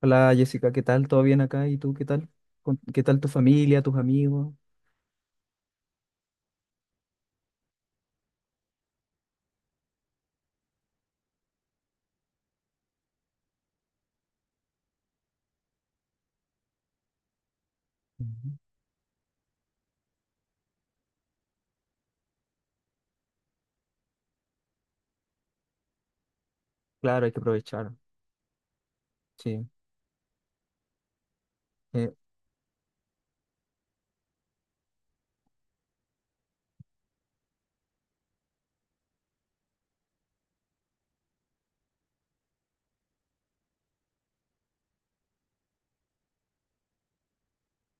Hola Jessica, ¿qué tal? ¿Todo bien acá? ¿Y tú qué tal? ¿Qué tal tu familia, tus amigos? Ujú. Claro, hay que aprovechar. Sí. Eh,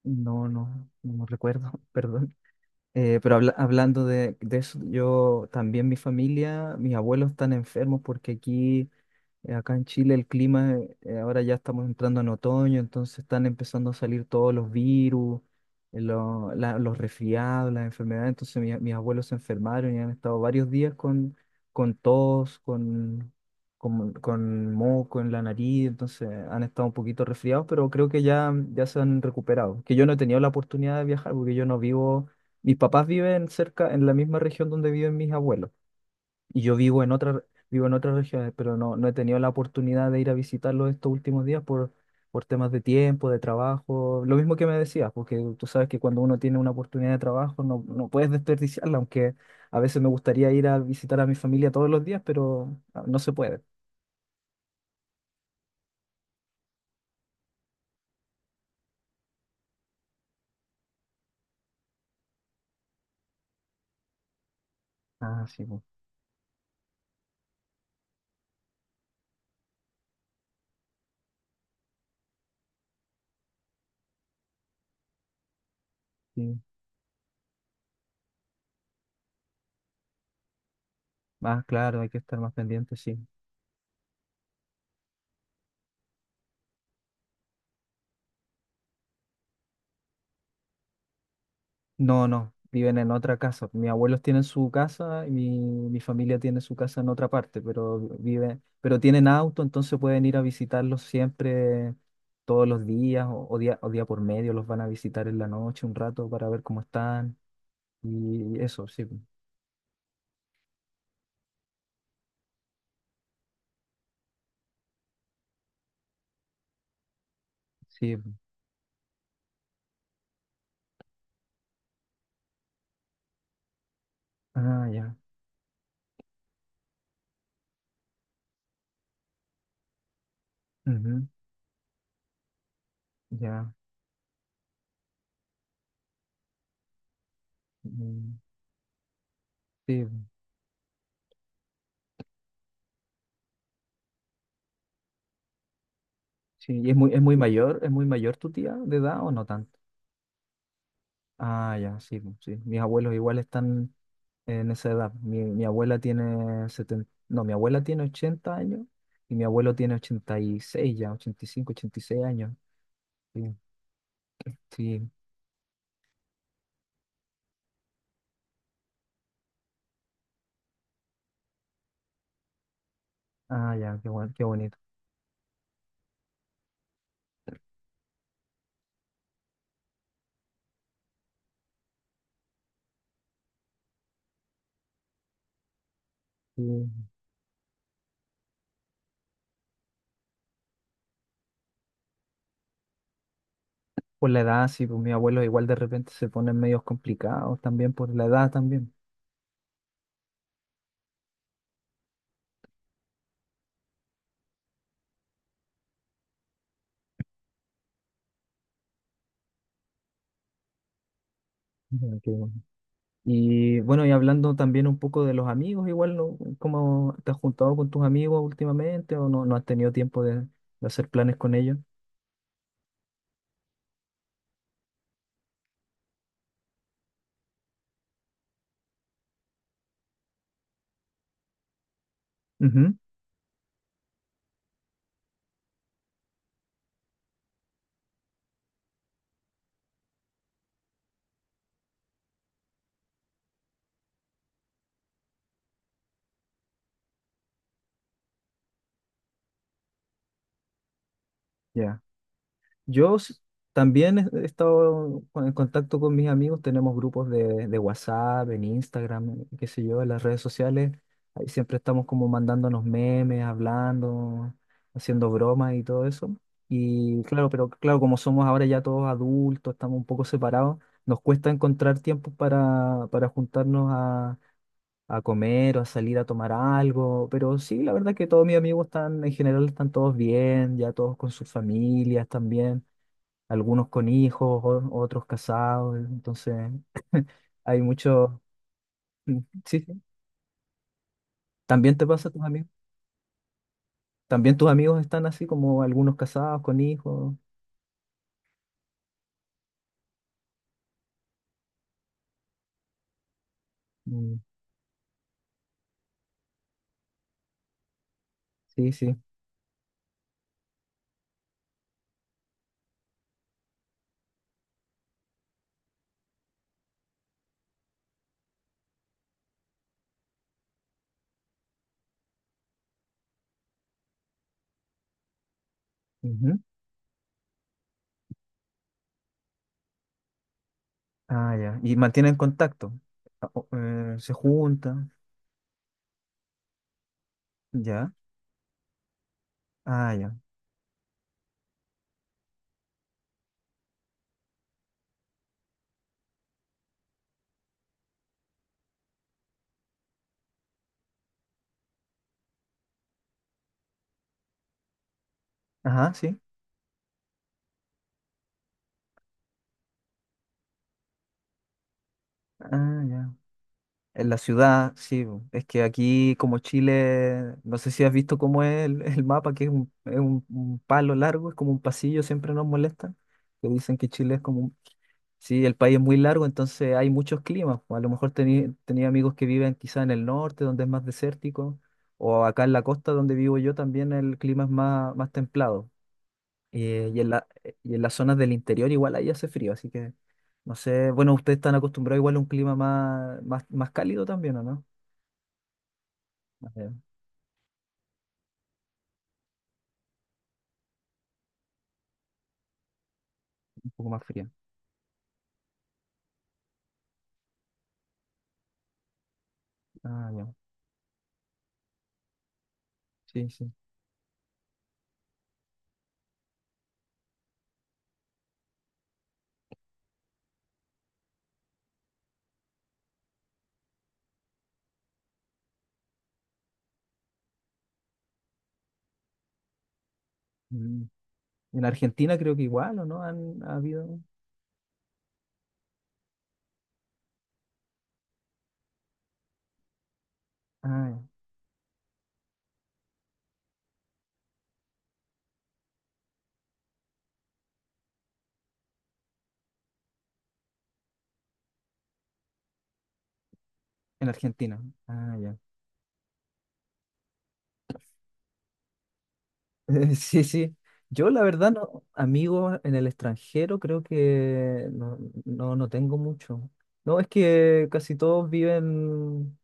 no, no, no recuerdo, perdón. Pero hablando de, eso, yo también mi familia, mis abuelos están enfermos porque aquí. Acá en Chile el clima, ahora ya estamos entrando en otoño, entonces están empezando a salir todos los virus, los resfriados, las enfermedades. Entonces mis abuelos se enfermaron y han estado varios días con, con tos, con, con moco en la nariz, entonces han estado un poquito resfriados, pero creo que ya, ya se han recuperado. Que yo no he tenido la oportunidad de viajar porque yo no vivo, mis papás viven cerca, en la misma región donde viven mis abuelos. Y yo vivo en otra, vivo en otras regiones, pero no he tenido la oportunidad de ir a visitarlo estos últimos días por temas de tiempo, de trabajo. Lo mismo que me decías, porque tú sabes que cuando uno tiene una oportunidad de trabajo no puedes desperdiciarla, aunque a veces me gustaría ir a visitar a mi familia todos los días, pero no se puede. Ah, sí, pues, sí. Más claro, hay que estar más pendiente, sí. No, no, viven en otra casa. Mis abuelos tienen su casa y mi familia tiene su casa en otra parte, pero viven, pero tienen auto, entonces pueden ir a visitarlos siempre, todos los días o día, por medio, los van a visitar en la noche un rato para ver cómo están y eso, sí, pues, sí, pues. Ah, ya, ujú, ya, mm, sí, pues, sí. ¿Y es es muy mayor tu tía de edad o no tanto? Ah, ya, sí, pues, sí. Mis abuelos igual están en esa edad. Mi abuela tiene 70, no, mi abuela tiene 80 años y mi abuelo tiene 86 ya, ochenta ochenta y cinco 86 años. Sí, sí. Ah, ya, qué bueno, qué bonito. Sí. Por la edad, sí, pues mis abuelos igual de repente se ponen medios complicados también por la edad también. Ya, qué bueno. Y bueno, y hablando también un poco de los amigos, igual, ¿no? ¿Cómo te has juntado con tus amigos últimamente o no has tenido tiempo de hacer planes con ellos? Ujú, ya. Yo s- También he estado en contacto con mis amigos, tenemos grupos de WhatsApp, en Instagram, qué sé yo, en las redes sociales. Ahí siempre estamos como mandándonos memes, hablando, haciendo bromas y todo eso. Y claro, pero claro, como somos ahora ya todos adultos, estamos un poco separados, nos cuesta encontrar tiempo para, juntarnos a comer o a salir a tomar algo. Pero sí, la verdad es que todos mis amigos están, en general, están todos bien, ya todos con sus familias también, algunos con hijos, otros casados, entonces hay muchos, mm, sí, sí. ¿También te pasa a tus amigos? ¿También tus amigos están así como algunos casados con hijos? Mm, sí, sí. Ujú. Ah, ya. ¿Y mantienen contacto? Ah, o- ¿Se juntan? ¿Ya? Ah, ya. Ajá, sí. Ah, ya. En la ciudad, sí, bo. Es que aquí como Chile, no sé si has visto cómo es el mapa, que un palo largo, es como un pasillo, siempre nos molesta. Que dicen que Chile es como un... Sí, el país es muy largo, entonces hay muchos climas, po. A lo mejor tenía amigos que viven quizá en el norte, donde es más desértico, o acá en la costa donde vivo yo también el clima es más templado. Y y en las zonas del interior igual ahí hace frío, así que no sé, bueno, ustedes están acostumbrados igual a un clima más cálido también, ¿o no? Ah, ya, un poco más frío. Ah, ya. Sí, sí. Mm. En Argentina creo que igual, ¿o no? Han Ha habido. Ah, ya. En Argentina. Ah, ya. Sí, sí. Yo la verdad, no, amigos en el extranjero creo que no, no tengo mucho. No, es que casi todos viven.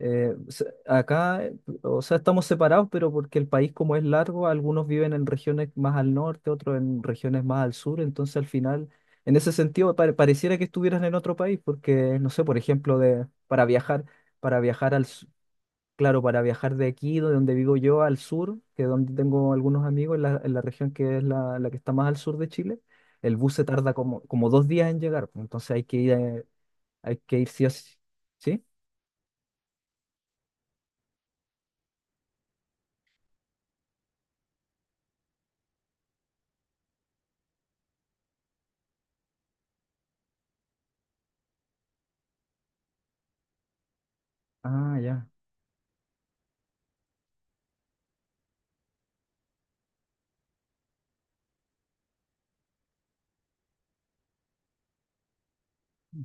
Acá, o sea, estamos separados, pero porque el país como es largo, algunos viven en regiones más al norte, otros en regiones más al sur, entonces al final, en ese sentido, pareciera que estuvieras en otro país, porque, no sé, por ejemplo, para viajar al, su- claro, para viajar de aquí, de donde vivo yo, al sur, que es donde tengo algunos amigos, en la, región que es la que está más al sur de Chile, el bus se tarda como 2 días en llegar, pues, entonces hay que ir sí o sí. ¿Sí? Ah, ya.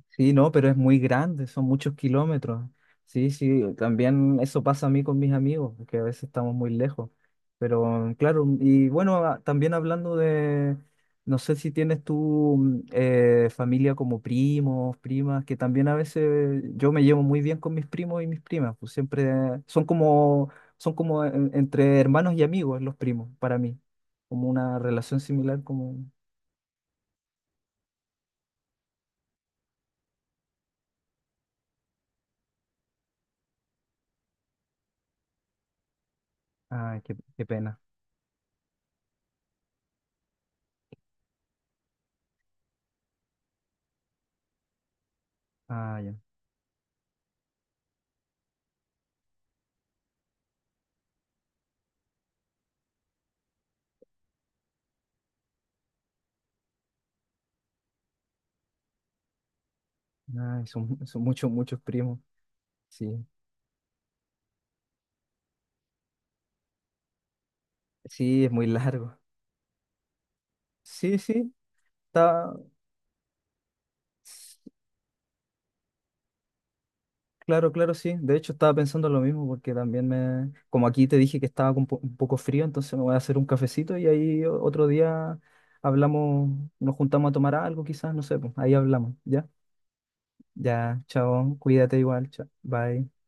Sí, no, pero es muy grande, son muchos kilómetros. Sí, sí, también eso pasa a mí con mis amigos, que a veces estamos muy lejos. Pero claro, y bueno, también hablando no sé si tienes tú, familia como primos, primas, que también a veces yo me llevo muy bien con mis primos y mis primas, pues siempre son como, entre hermanos y amigos los primos, para mí, como una relación similar como... Ah, qué pena. Ah, ya. Ay, son muchos, muchos primos. Sí, sí, es muy largo. Sí, sí, está. s- Claro, claro, sí. De hecho, estaba pensando lo mismo porque también me. Como aquí te dije que estaba con un poco frío, entonces me voy a hacer un cafecito y ahí otro día hablamos, nos juntamos a tomar algo, quizás, no sé, pues ahí hablamos, ¿ya? Ya, chao, cuídate igual, chao, bye.